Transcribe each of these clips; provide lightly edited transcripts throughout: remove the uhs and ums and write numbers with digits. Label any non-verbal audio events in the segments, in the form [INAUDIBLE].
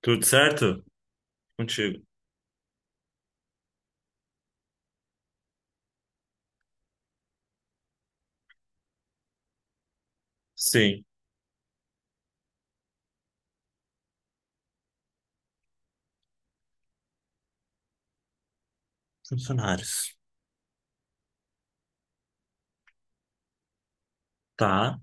Tudo certo? Contigo. Sim. Funcionários. Tá.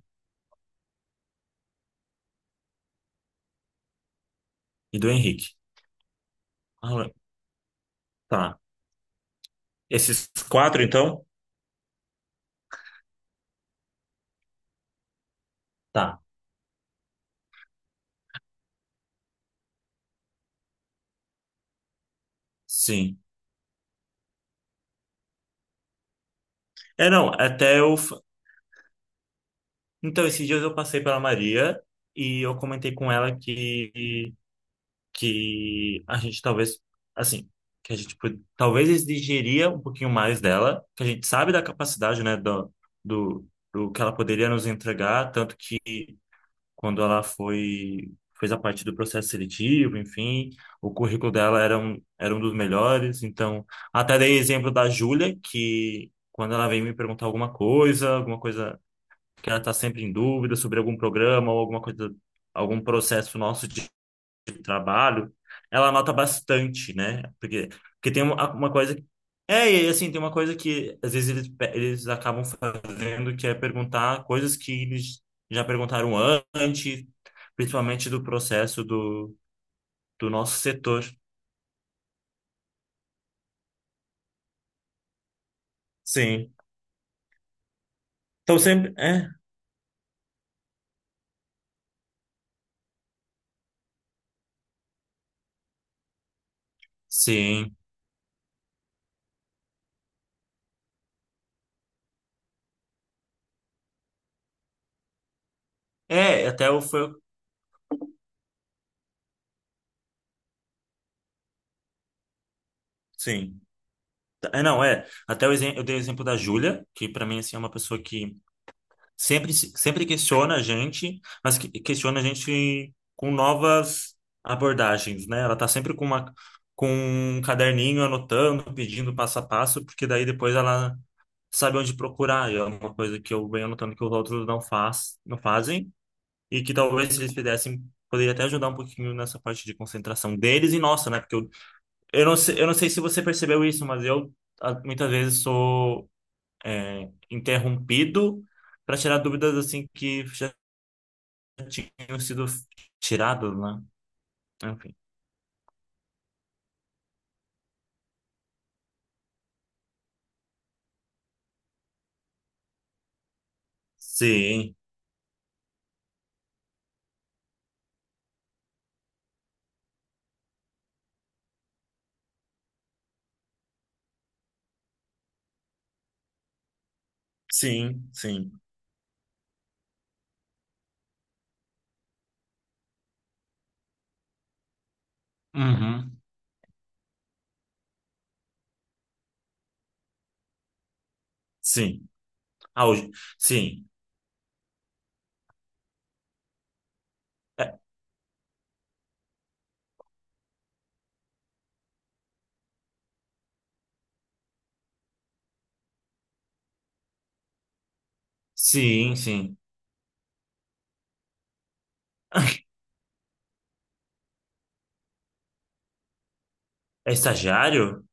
E do Henrique. Aula. Tá. Esses quatro, então? Tá. Sim. É, não, até eu. Então, esses dias eu passei pela Maria e eu comentei com ela que a gente talvez, assim, que a gente talvez exigiria um pouquinho mais dela, que a gente sabe da capacidade, né, do, do que ela poderia nos entregar, tanto que quando ela foi fez a parte do processo seletivo, enfim, o currículo dela era um dos melhores. Então, até dei exemplo da Júlia, que quando ela vem me perguntar alguma coisa que ela está sempre em dúvida sobre algum programa ou alguma coisa, algum processo nosso de trabalho, ela nota bastante, né? Porque tem uma coisa. É, e assim, tem uma coisa que às vezes eles acabam fazendo, que é perguntar coisas que eles já perguntaram antes, principalmente do processo do nosso setor. Sim. Então sempre. É, sim. É, até o foi. Sim. É, não, é. Até o, exemplo eu dei o exemplo da Júlia, que pra mim assim, é uma pessoa que sempre, se- sempre questiona a gente, mas questiona a gente com novas abordagens, né? Ela tá sempre com com um caderninho anotando, pedindo passo a passo, porque daí depois ela sabe onde procurar. E é uma coisa que eu venho anotando que os outros não fazem, e que talvez se eles fizessem, poderia até ajudar um pouquinho nessa parte de concentração deles e nossa, né? Porque eu não sei se você percebeu isso, mas eu muitas vezes sou interrompido para tirar dúvidas assim que já tinham sido tiradas, né? Enfim. Sim, sim, sim. Uhum. Sim. Ah, hoje. Sim. É, sim, sim. [LAUGHS] É estagiário?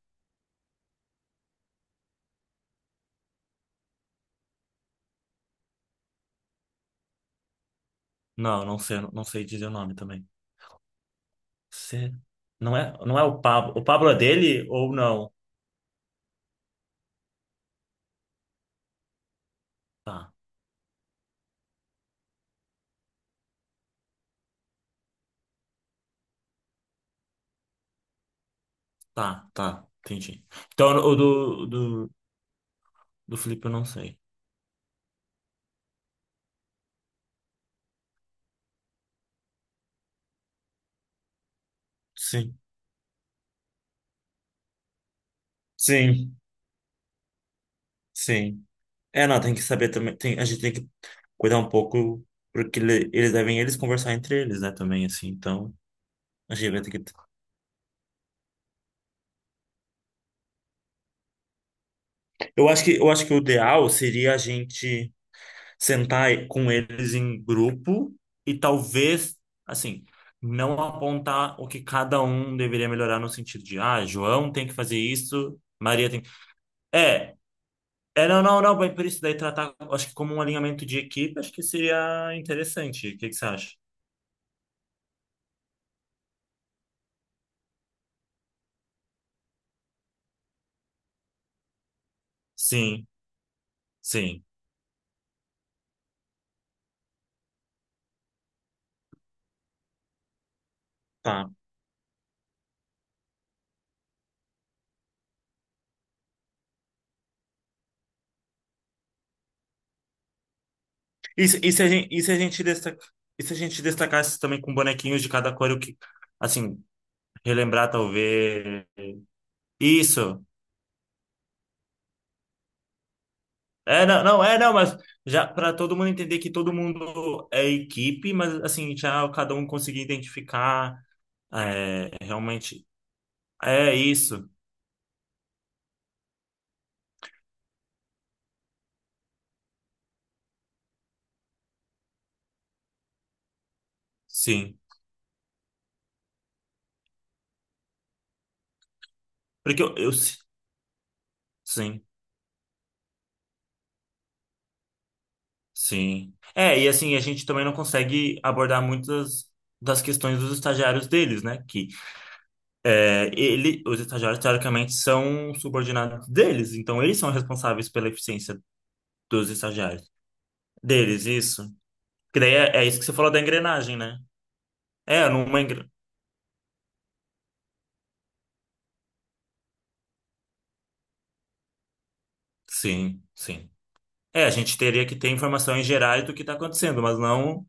Não, não sei dizer o nome também. Você... não é o Pablo. O Pablo é dele ou não? Tá, tá, tá. Entendi. Então, o do Felipe eu não sei. Sim. Sim, sim. É, não, tem que saber também. A gente tem que cuidar um pouco, porque eles devem eles conversar entre eles, né, também, assim. Então, a gente vai ter que. Eu acho que o ideal seria a gente sentar com eles em grupo e talvez, assim, não apontar o que cada um deveria melhorar no sentido de, João tem que fazer isso, Maria tem. É. É, não, não, não, mas por isso daí tratar, acho que como um alinhamento de equipe, acho que seria interessante. O que que você acha? Sim, sim. Tá. E se a gente destaca, e se a gente destacasse também com bonequinhos de cada cor, o que, assim, relembrar talvez. Isso. É, não, não, é, não, mas já para todo mundo entender que todo mundo é equipe, mas assim, já cada um conseguir identificar é, realmente. É isso, sim. Porque sim, sim. É, e assim, a gente também não consegue abordar muitas das questões dos estagiários deles, né? Os estagiários, teoricamente, são subordinados deles, então eles são responsáveis pela eficiência dos estagiários. Deles, isso. Que daí é isso que você falou da engrenagem, né? É, numa engrenagem. Sim, sim. É, a gente teria que ter informações gerais do que está acontecendo, mas não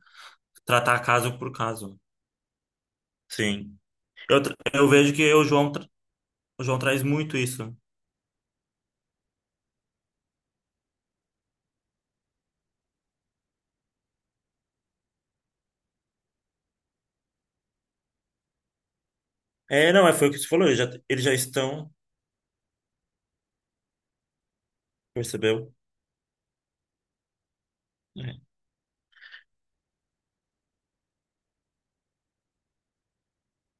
tratar caso por caso. Sim. Eu vejo que o João traz muito isso. É, não, é, foi o que você falou, eles já estão, percebeu? É.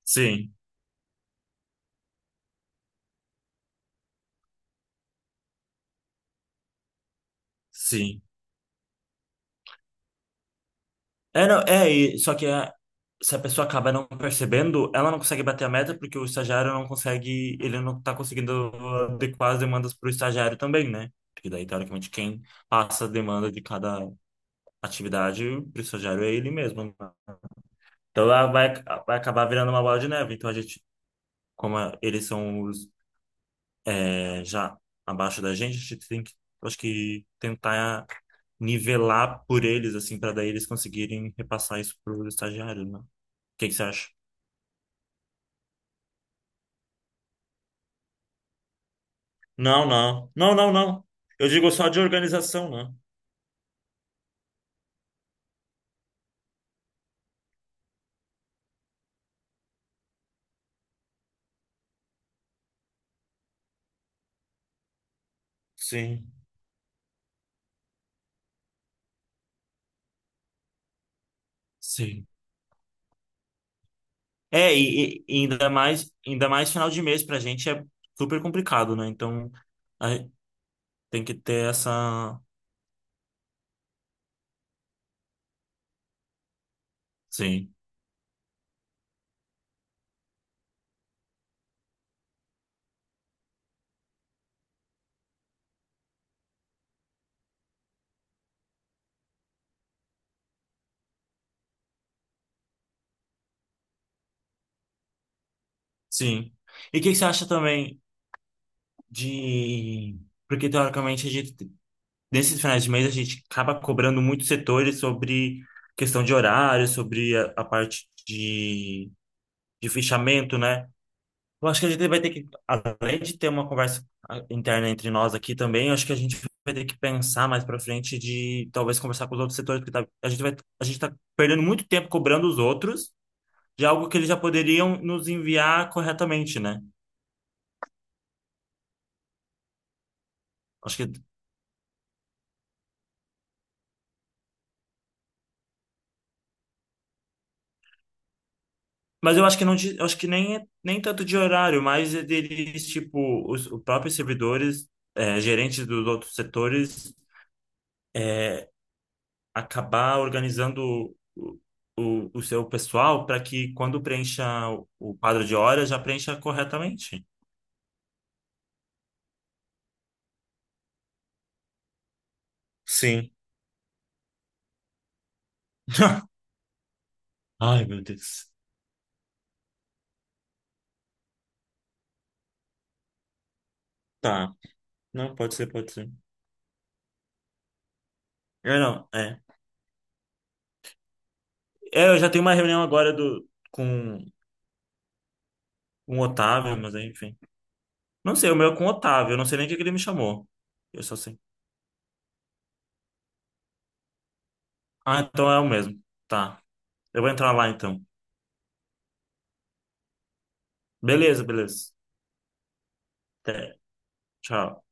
Sim, sim. É, não, é, só que se a pessoa acaba não percebendo, ela não consegue bater a meta porque o estagiário não consegue, ele não tá conseguindo adequar as demandas para o estagiário também, né? Porque daí, teoricamente, quem passa a demanda de cada atividade para o estagiário é ele mesmo, né? Então, ela vai acabar virando uma bola de neve. Então, a gente, como eles são os, já abaixo da gente, a gente tem que, acho que, tentar nivelar por eles, assim, para daí eles conseguirem repassar isso para o estagiário, né? O que que você acha? Não, não. Não, não, não. Eu digo só de organização, né? Sim, sim. É, e ainda mais final de mês pra gente é super complicado, né? Então, a- tem que ter essa. Sim, sim. E o que que você acha também de. Porque, teoricamente, a gente, nesses finais de mês, a gente acaba cobrando muitos setores sobre questão de horário, sobre a parte de fechamento, né? Eu acho que a gente vai ter que, além de ter uma conversa interna entre nós aqui também, eu acho que a gente vai ter que pensar mais pra frente de talvez conversar com os outros setores, porque a gente tá perdendo muito tempo cobrando os outros de algo que eles já poderiam nos enviar corretamente, né? Acho que, mas eu acho que não, eu acho que nem nem tanto de horário, mas é deles, tipo, os próprios servidores, gerentes dos outros setores é, acabar organizando o seu pessoal para que quando preencha o quadro de horas, já preencha corretamente. Sim. Ai, meu Deus. Tá. Não, pode ser, pode ser. Eu não, é. É, eu já tenho uma reunião agora com o Otávio, mas aí, enfim. Não sei, o meu é com o Otávio, eu não sei nem o que que ele me chamou. Eu só sei. Ah, então é o mesmo. Tá. Eu vou entrar lá então. Beleza, beleza. Até. Tchau.